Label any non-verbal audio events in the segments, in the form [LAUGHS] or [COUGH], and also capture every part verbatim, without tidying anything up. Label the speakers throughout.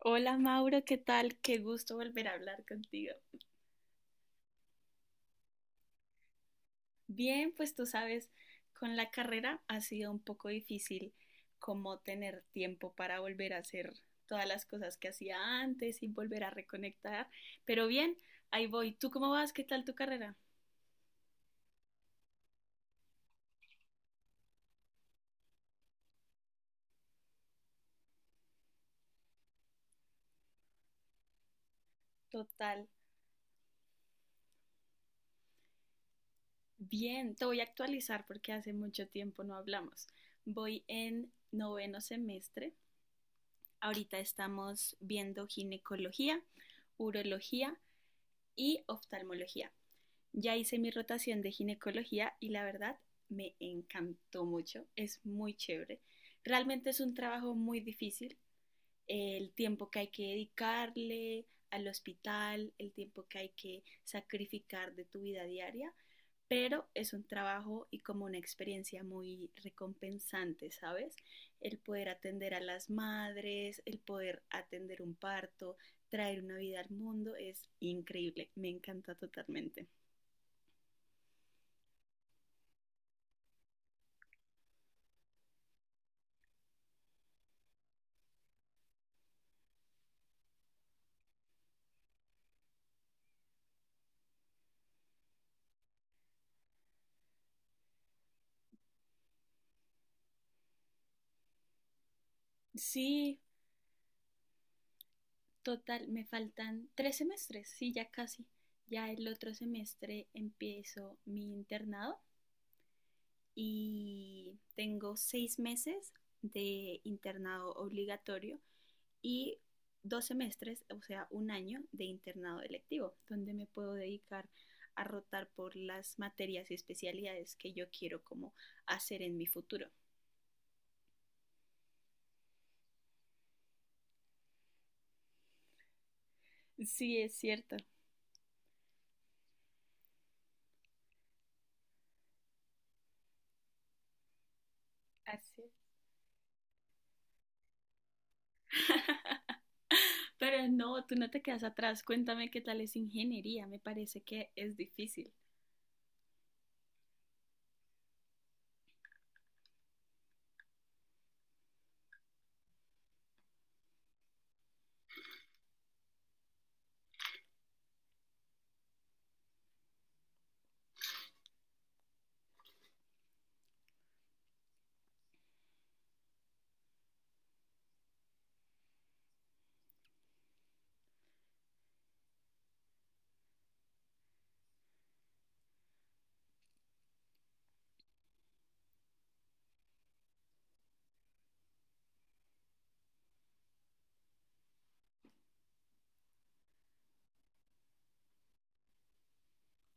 Speaker 1: Hola Mauro, ¿qué tal? Qué gusto volver a hablar contigo. Bien, pues tú sabes, con la carrera ha sido un poco difícil como tener tiempo para volver a hacer todas las cosas que hacía antes y volver a reconectar. Pero bien, ahí voy. ¿Tú cómo vas? ¿Qué tal tu carrera? Total. Bien, te voy a actualizar porque hace mucho tiempo no hablamos. Voy en noveno semestre. Ahorita estamos viendo ginecología, urología y oftalmología. Ya hice mi rotación de ginecología y la verdad me encantó mucho, es muy chévere. Realmente es un trabajo muy difícil, el tiempo que hay que dedicarle al hospital, el tiempo que hay que sacrificar de tu vida diaria, pero es un trabajo y como una experiencia muy recompensante, ¿sabes? El poder atender a las madres, el poder atender un parto, traer una vida al mundo, es increíble, me encanta totalmente. Sí, total, me faltan tres semestres, sí, ya casi. Ya el otro semestre empiezo mi internado y tengo seis meses de internado obligatorio y dos semestres, o sea, un año de internado electivo, donde me puedo dedicar a rotar por las materias y especialidades que yo quiero como hacer en mi futuro. Sí, es cierto. Así es. Pero no, tú no te quedas atrás. Cuéntame qué tal es ingeniería. Me parece que es difícil.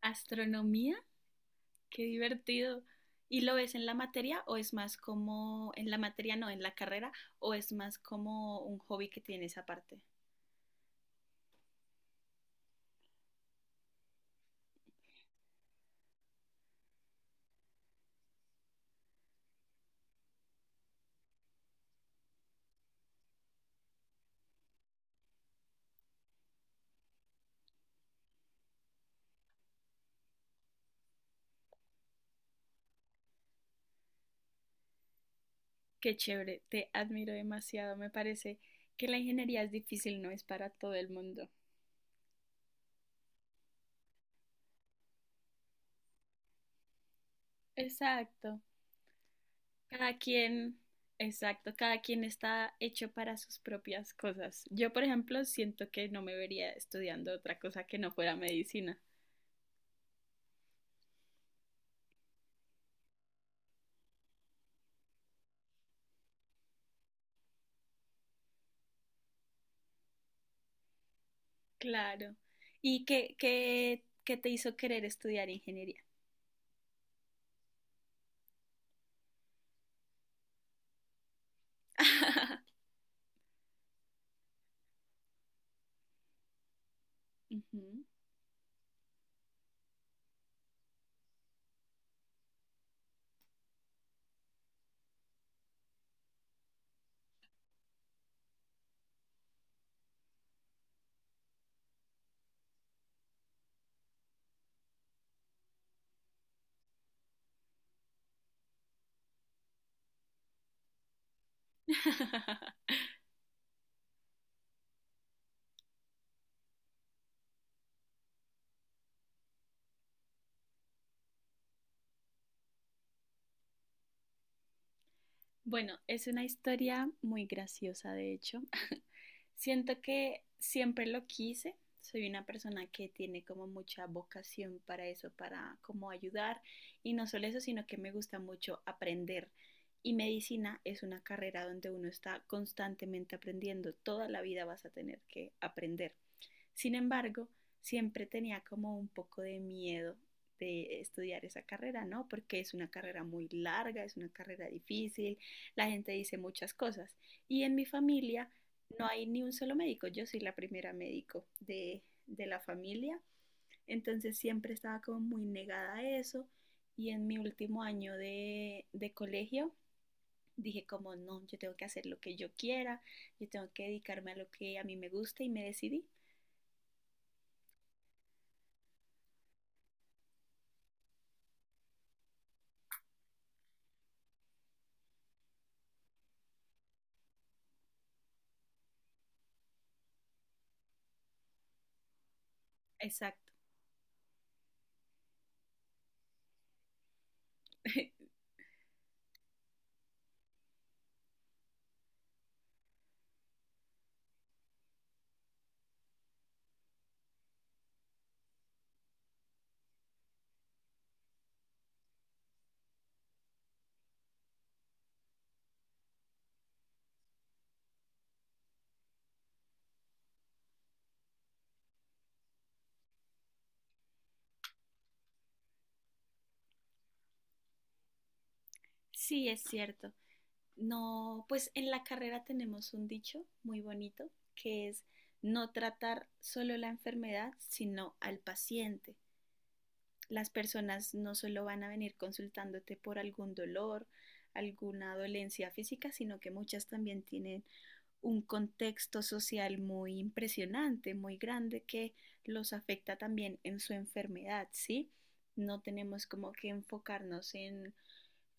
Speaker 1: Astronomía, qué divertido. ¿Y lo ves en la materia o es más como, en la materia no, en la carrera, o es más como un hobby que tienes aparte? Qué chévere, te admiro demasiado. Me parece que la ingeniería es difícil, no es para todo el mundo. Exacto. Cada quien, exacto, cada quien está hecho para sus propias cosas. Yo, por ejemplo, siento que no me vería estudiando otra cosa que no fuera medicina. Claro. ¿Y qué, qué, qué te hizo querer estudiar ingeniería? [LAUGHS] Ujú. [LAUGHS] Bueno, es una historia muy graciosa, de hecho. Siento que siempre lo quise. Soy una persona que tiene como mucha vocación para eso, para como ayudar. Y no solo eso, sino que me gusta mucho aprender. Y medicina es una carrera donde uno está constantemente aprendiendo. Toda la vida vas a tener que aprender. Sin embargo, siempre tenía como un poco de miedo de estudiar esa carrera, ¿no? Porque es una carrera muy larga, es una carrera difícil, la gente dice muchas cosas. Y en mi familia no hay ni un solo médico, yo soy la primera médico de, de la familia, entonces siempre estaba como muy negada a eso. Y en mi último año de, de colegio dije como, no, yo tengo que hacer lo que yo quiera, yo tengo que dedicarme a lo que a mí me gusta y me decidí. Exacto. [LAUGHS] Sí, es cierto. No, pues en la carrera tenemos un dicho muy bonito que es no tratar solo la enfermedad, sino al paciente. Las personas no solo van a venir consultándote por algún dolor, alguna dolencia física, sino que muchas también tienen un contexto social muy impresionante, muy grande, que los afecta también en su enfermedad, ¿sí? No tenemos como que enfocarnos en,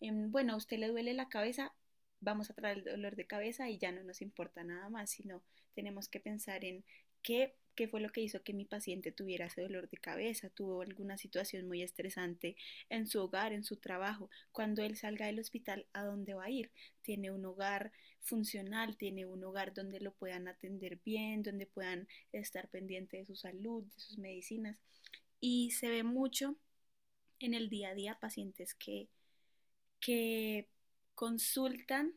Speaker 1: en, bueno, a usted le duele la cabeza, vamos a traer el dolor de cabeza y ya no nos importa nada más, sino tenemos que pensar en qué, qué fue lo que hizo que mi paciente tuviera ese dolor de cabeza, tuvo alguna situación muy estresante en su hogar, en su trabajo. Cuando él salga del hospital, ¿a dónde va a ir? ¿Tiene un hogar funcional, tiene un hogar donde lo puedan atender bien, donde puedan estar pendiente de su salud, de sus medicinas? Y se ve mucho en el día a día pacientes que que consultan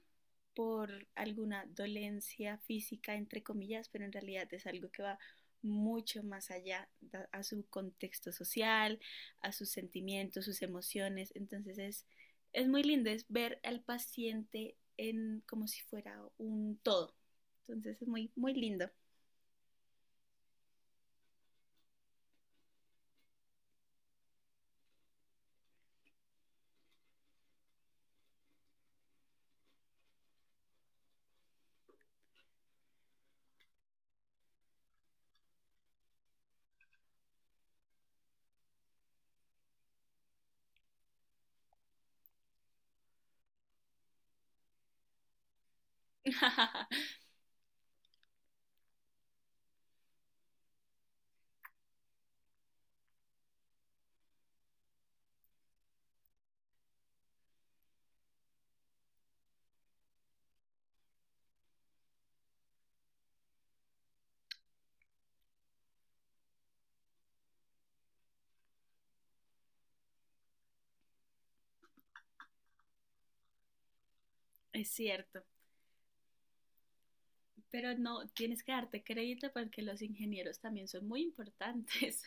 Speaker 1: por alguna dolencia física, entre comillas, pero en realidad es algo que va mucho más allá a su contexto social, a sus sentimientos, sus emociones. Entonces es, es muy lindo, es ver al paciente en como si fuera un todo. Entonces es muy, muy lindo. [LAUGHS] Es cierto, pero no, tienes que darte crédito porque los ingenieros también son muy importantes.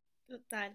Speaker 1: [LAUGHS] Total.